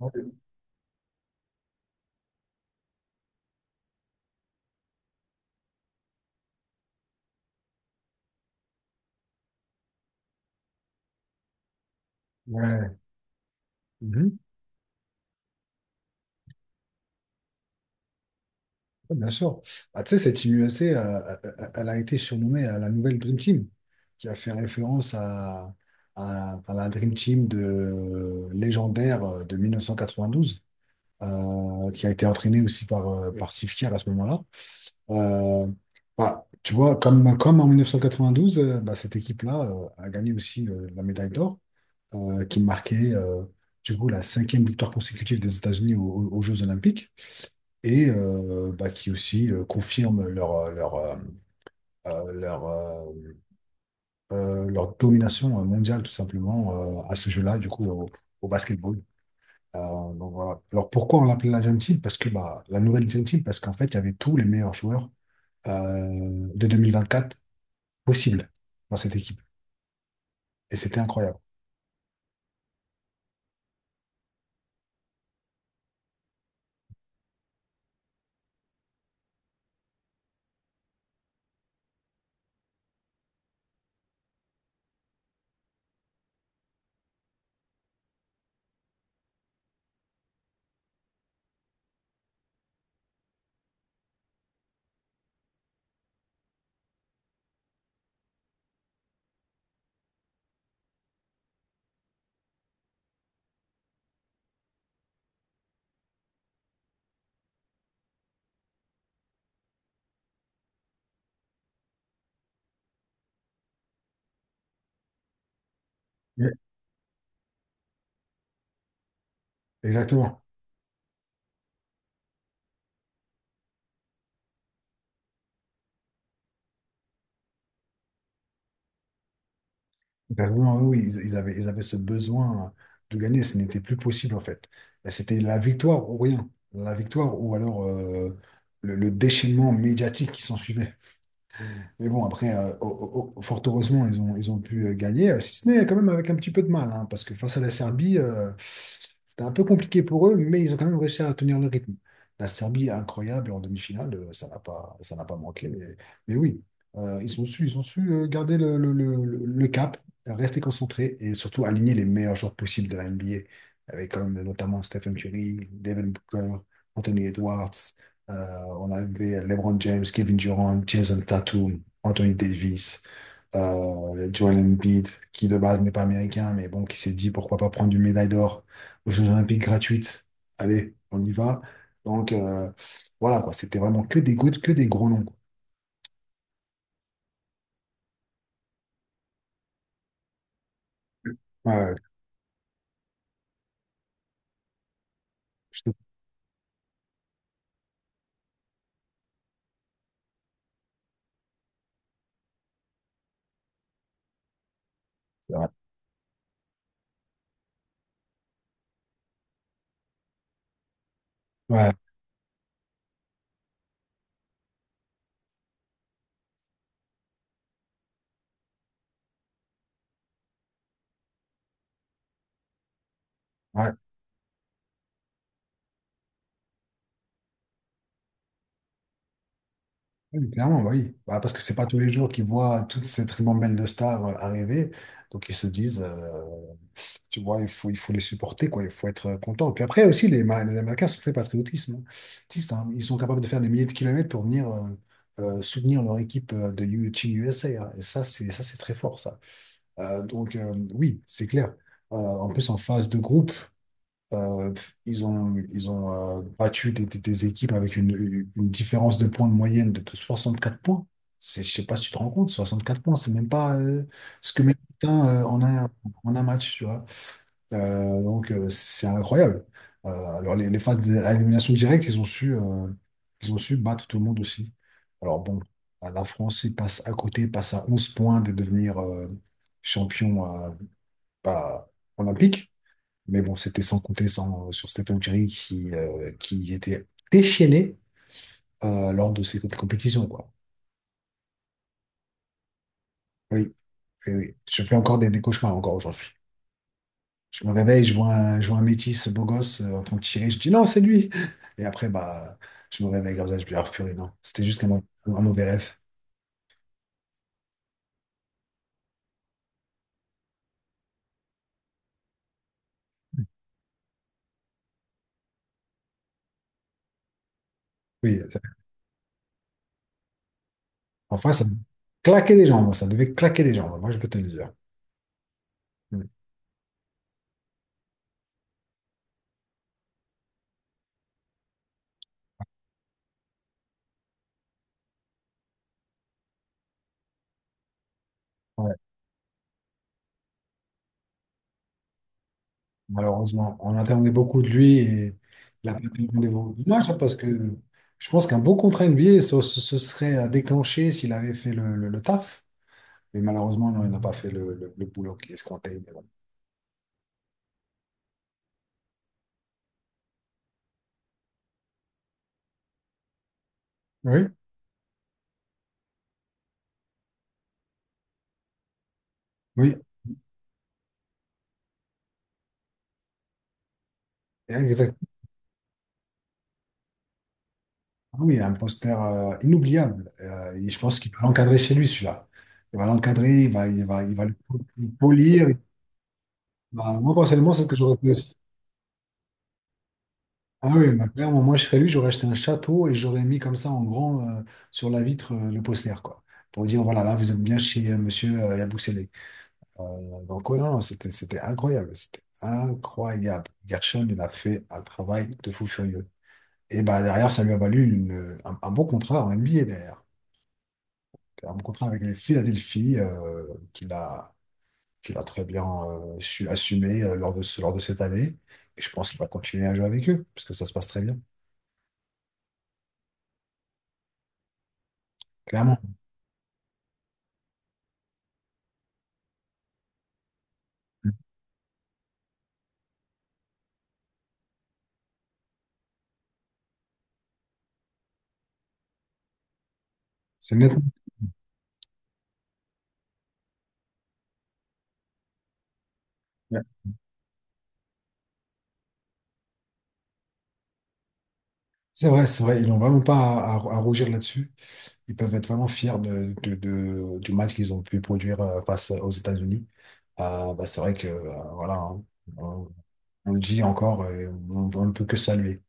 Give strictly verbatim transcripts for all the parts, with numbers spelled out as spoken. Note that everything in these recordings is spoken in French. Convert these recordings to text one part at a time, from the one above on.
Ouais, ouais. Mhm. Ouais, bien sûr. Bah, tu sais, cette Team U S A, euh, euh, euh, elle a été surnommée euh, la nouvelle Dream Team, qui a fait référence à, à, à la Dream Team de, euh, légendaire euh, de mille neuf cent quatre-vingt-douze, euh, qui a été entraînée aussi par, euh, par Steve Kerr à ce moment-là. Euh, bah, tu vois, comme, comme en mille neuf cent quatre-vingt-douze, euh, bah, cette équipe-là euh, a gagné aussi euh, la médaille d'or, euh, qui marquait euh, du coup la cinquième victoire consécutive des États-Unis aux aux- aux Jeux Olympiques. Et euh, bah, qui aussi euh, confirment leur, euh, leur, euh, euh, leur, euh, euh, leur domination euh, mondiale, tout simplement, euh, à ce jeu-là, du coup, au, au basketball. Euh, donc voilà. Alors pourquoi on l'appelait la Dream Team? Parce que bah, la nouvelle Dream Team, parce qu'en fait, il y avait tous les meilleurs joueurs euh, de quatre possibles dans cette équipe. Et c'était incroyable. Ouais. Exactement. Ben oui, oui, oui, ils, ils avaient, ils avaient ce besoin de gagner, ce n'était plus possible en fait. Ben, c'était la victoire ou rien, la victoire ou alors euh, le, le déchaînement médiatique qui s'en suivait. Mais bon, après, euh, oh, oh, oh, fort heureusement, ils ont, ils ont pu euh, gagner, euh, si ce n'est quand même avec un petit peu de mal, hein, parce que face à la Serbie, euh, c'était un peu compliqué pour eux, mais ils ont quand même réussi à tenir le rythme. La Serbie est incroyable en demi-finale, euh, ça n'a pas, ça n'a pas manqué, mais, mais oui, euh, ils ont su, ils ont su euh, garder le, le, le- le cap, rester concentrés et surtout aligner les meilleurs joueurs possibles de la N B A, avec quand même notamment Stephen Curry, Devin Booker, Anthony Edwards, euh, on avait LeBron James, Kevin Durant, Jason Tatum. Anthony Davis, euh, Joel Embiid, qui de base n'est pas américain, mais bon, qui s'est dit pourquoi pas prendre une médaille d'or aux Jeux Olympiques gratuites. Allez, on y va. Donc euh, voilà, quoi, c'était vraiment que des gouttes, que des gros noms, quoi. Ouais, ouais, je te- c'est vrai. Ouais, ouais. Oui, clairement, bah oui. Bah, parce que c'est pas tous les jours qu'ils voient toute cette ribambelle de stars euh, arriver, donc ils se disent, euh, tu vois, il faut, il faut les supporter, quoi. Il faut être euh, content. Puis après aussi, les, Ma- les Américains sont très patriotisme, hein. Patriotistes, hein. Ils sont capables de faire des milliers de kilomètres pour venir euh, euh, soutenir leur équipe euh, de U- Team U S A, hein. Et ça, c'est ça, c'est très fort, ça. Euh, donc euh, oui, c'est clair. Euh, en plus, en phase de groupe, euh, pff, ils ont, ils ont euh, battu des, des- des équipes avec une, une différence de points de moyenne de soixante-quatre points. C'est- Je sais pas si tu te rends compte, soixante-quatre points, c'est même pas euh, ce que met Putain, euh, en un, en un match, tu vois. Euh, donc, euh, c'est incroyable. Euh, alors, les, les phases d'élimination directe, ils ont su, euh, ils ont su battre tout le monde aussi. Alors, bon, euh, la France, ils passent à côté, passe à onze points de devenir euh, champion euh, bah, olympique. Mais bon, c'était sans compter sans, sur Stephen Curry qui, euh, qui était déchaîné euh, lors de cette compétition, quoi. Oui, oui, oui. Je fais encore des, des cauchemars encore aujourd'hui. Je me réveille, je vois un, je vois un métis beau gosse euh, en train de tirer, je dis non, c'est lui. Et après, bah, je me réveille comme ça, je me dis, ah purée, non, c'était juste un, mau- un mauvais rêve. Oui, euh, enfin, ça claquait des jambes, ça devait claquer des jambes, moi je peux te le dire. Mm. Ouais, malheureusement, on attendait beaucoup de lui et il a pas pris le rendez-vous. Dommage, hein, parce que je pense qu'un beau contrat N B A se, se, se serait déclenché s'il avait fait le, le, le taf. Mais malheureusement, non, il n'a pas fait le, le, le boulot qui est escompté, mais bon. Oui, oui. Exactement. Oui, un poster euh, inoubliable. Euh, et je pense qu'il peut l'encadrer chez lui, celui-là. Il va l'encadrer, il va, il va, il va le pol- le polir. Bah, moi, personnellement, c'est ce que j'aurais fait aussi. Ah oui, bah, clairement, moi, je serais lui, j'aurais acheté un château et j'aurais mis comme ça en grand euh, sur la vitre euh, le poster, quoi. Pour dire, voilà, là, vous êtes bien chez euh, monsieur euh, Yabousselé. Euh, donc, ouais, non, non, c'était, c'était incroyable. C'était incroyable. Gershon, il a fait un travail de fou furieux. Et bah, derrière, ça lui a valu une- un, un bon contrat en N B A, derrière. Un bon contrat avec les Philadelphie, euh, qu'il a, qu'il a très bien euh, su assumer euh, lors de, ce- lors de cette année. Et je pense qu'il va continuer à jouer avec eux, parce que ça se passe très bien, clairement. C'est net. Ouais. C'est vrai, c'est vrai. Ils n'ont vraiment pas à, à- à rougir là-dessus. Ils peuvent être vraiment fiers de, de- de- du match qu'ils ont pu produire euh, face aux États-Unis. Euh, bah, c'est vrai que, euh, voilà, hein, on le dit encore, euh, on, on ne peut que saluer.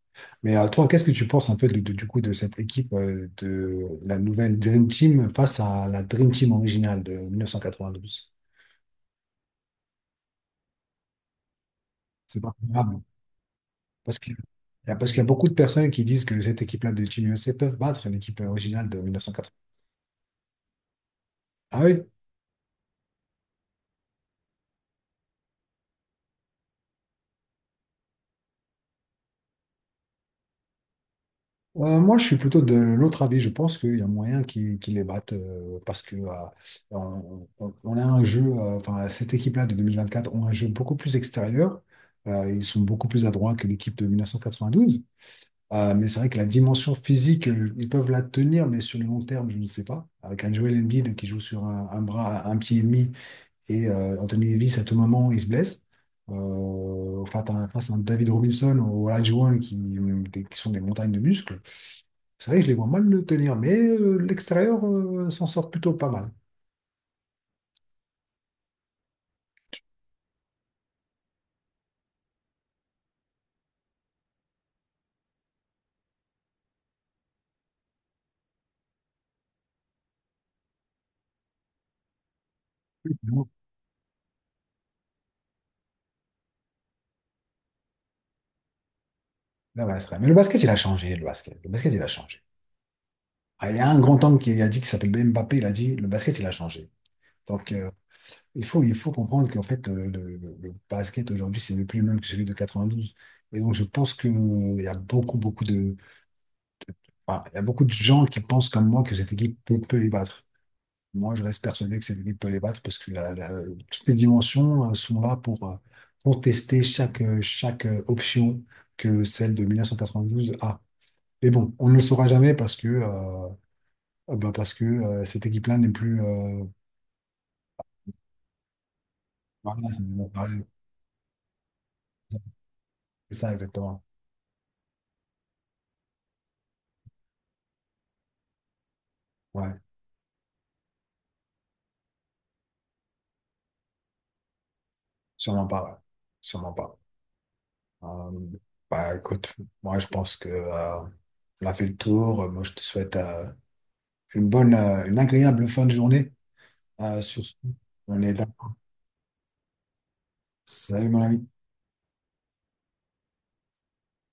Mais euh, toi, qu'est-ce que tu penses un peu de- de- du coup de cette équipe euh, de la nouvelle Dream Team face à la Dream Team originale de mille neuf cent quatre-vingt-douze? C'est pas comparable. Parce qu'il y a, parce qu'il y a beaucoup de personnes qui disent que cette équipe-là de Team U S A peuvent battre l'équipe originale de mille neuf cent quatre-vingt-douze. Ah oui? Euh, moi, je suis plutôt de l'autre avis. Je pense qu'il y a moyen qu'ils qu'ils les battent euh, parce que euh, on, on- on a un jeu, euh, enfin, cette équipe-là de deux mille vingt-quatre ont un jeu beaucoup plus extérieur. Euh, ils sont beaucoup plus adroits que l'équipe de mille neuf cent quatre-vingt-douze. Euh, mais c'est vrai que la dimension physique, euh, ils peuvent la tenir, mais sur le long terme, je ne sais pas. Avec un Joel Embiid qui joue sur un, un bras, un pied et demi, et euh, Anthony Davis, à tout moment, il se blesse. Euh, enfin, t'as- face à un David Robinson ou Olajuwon qui, qui sont des montagnes de muscles. C'est vrai que je les vois mal le tenir, mais euh, l'extérieur euh, s'en sort plutôt pas mal. Donc, là, voilà, c'est vrai. Mais le basket, il a changé, le basket. Le basket, il a changé. Ah, il y a un grand homme qui a dit, qui s'appelle Mbappé, il a dit, le basket, il a changé. Donc, euh, il faut, il faut comprendre qu'en fait, euh, le, le- le basket aujourd'hui, c'est plus le même que celui de quatre-vingt-douze. Et donc, je pense que, euh, il y a beaucoup, beaucoup de, enfin, il y a beaucoup de gens qui pensent comme moi que cette équipe peut, peut les battre. Moi, je reste persuadé que cette équipe peut les battre parce que la- la- toutes les dimensions euh, sont là pour euh, contester chaque, euh, chaque euh, option que celle de mille neuf cent quatre-vingt-douze a. Mais bon, on ne le saura jamais parce que, euh, euh, bah, parce que euh, cette équipe-là n'est plus. Euh, voilà, c'est mon appareil. C'est ça, exactement. Ouais, sûrement pas, ouais. Sûrement pas. Euh, bah, écoute, moi, je pense que euh, on a fait le tour. Moi, je te souhaite euh, une bonne, euh, une agréable fin de journée euh, sur ce. On est là. Salut Marie.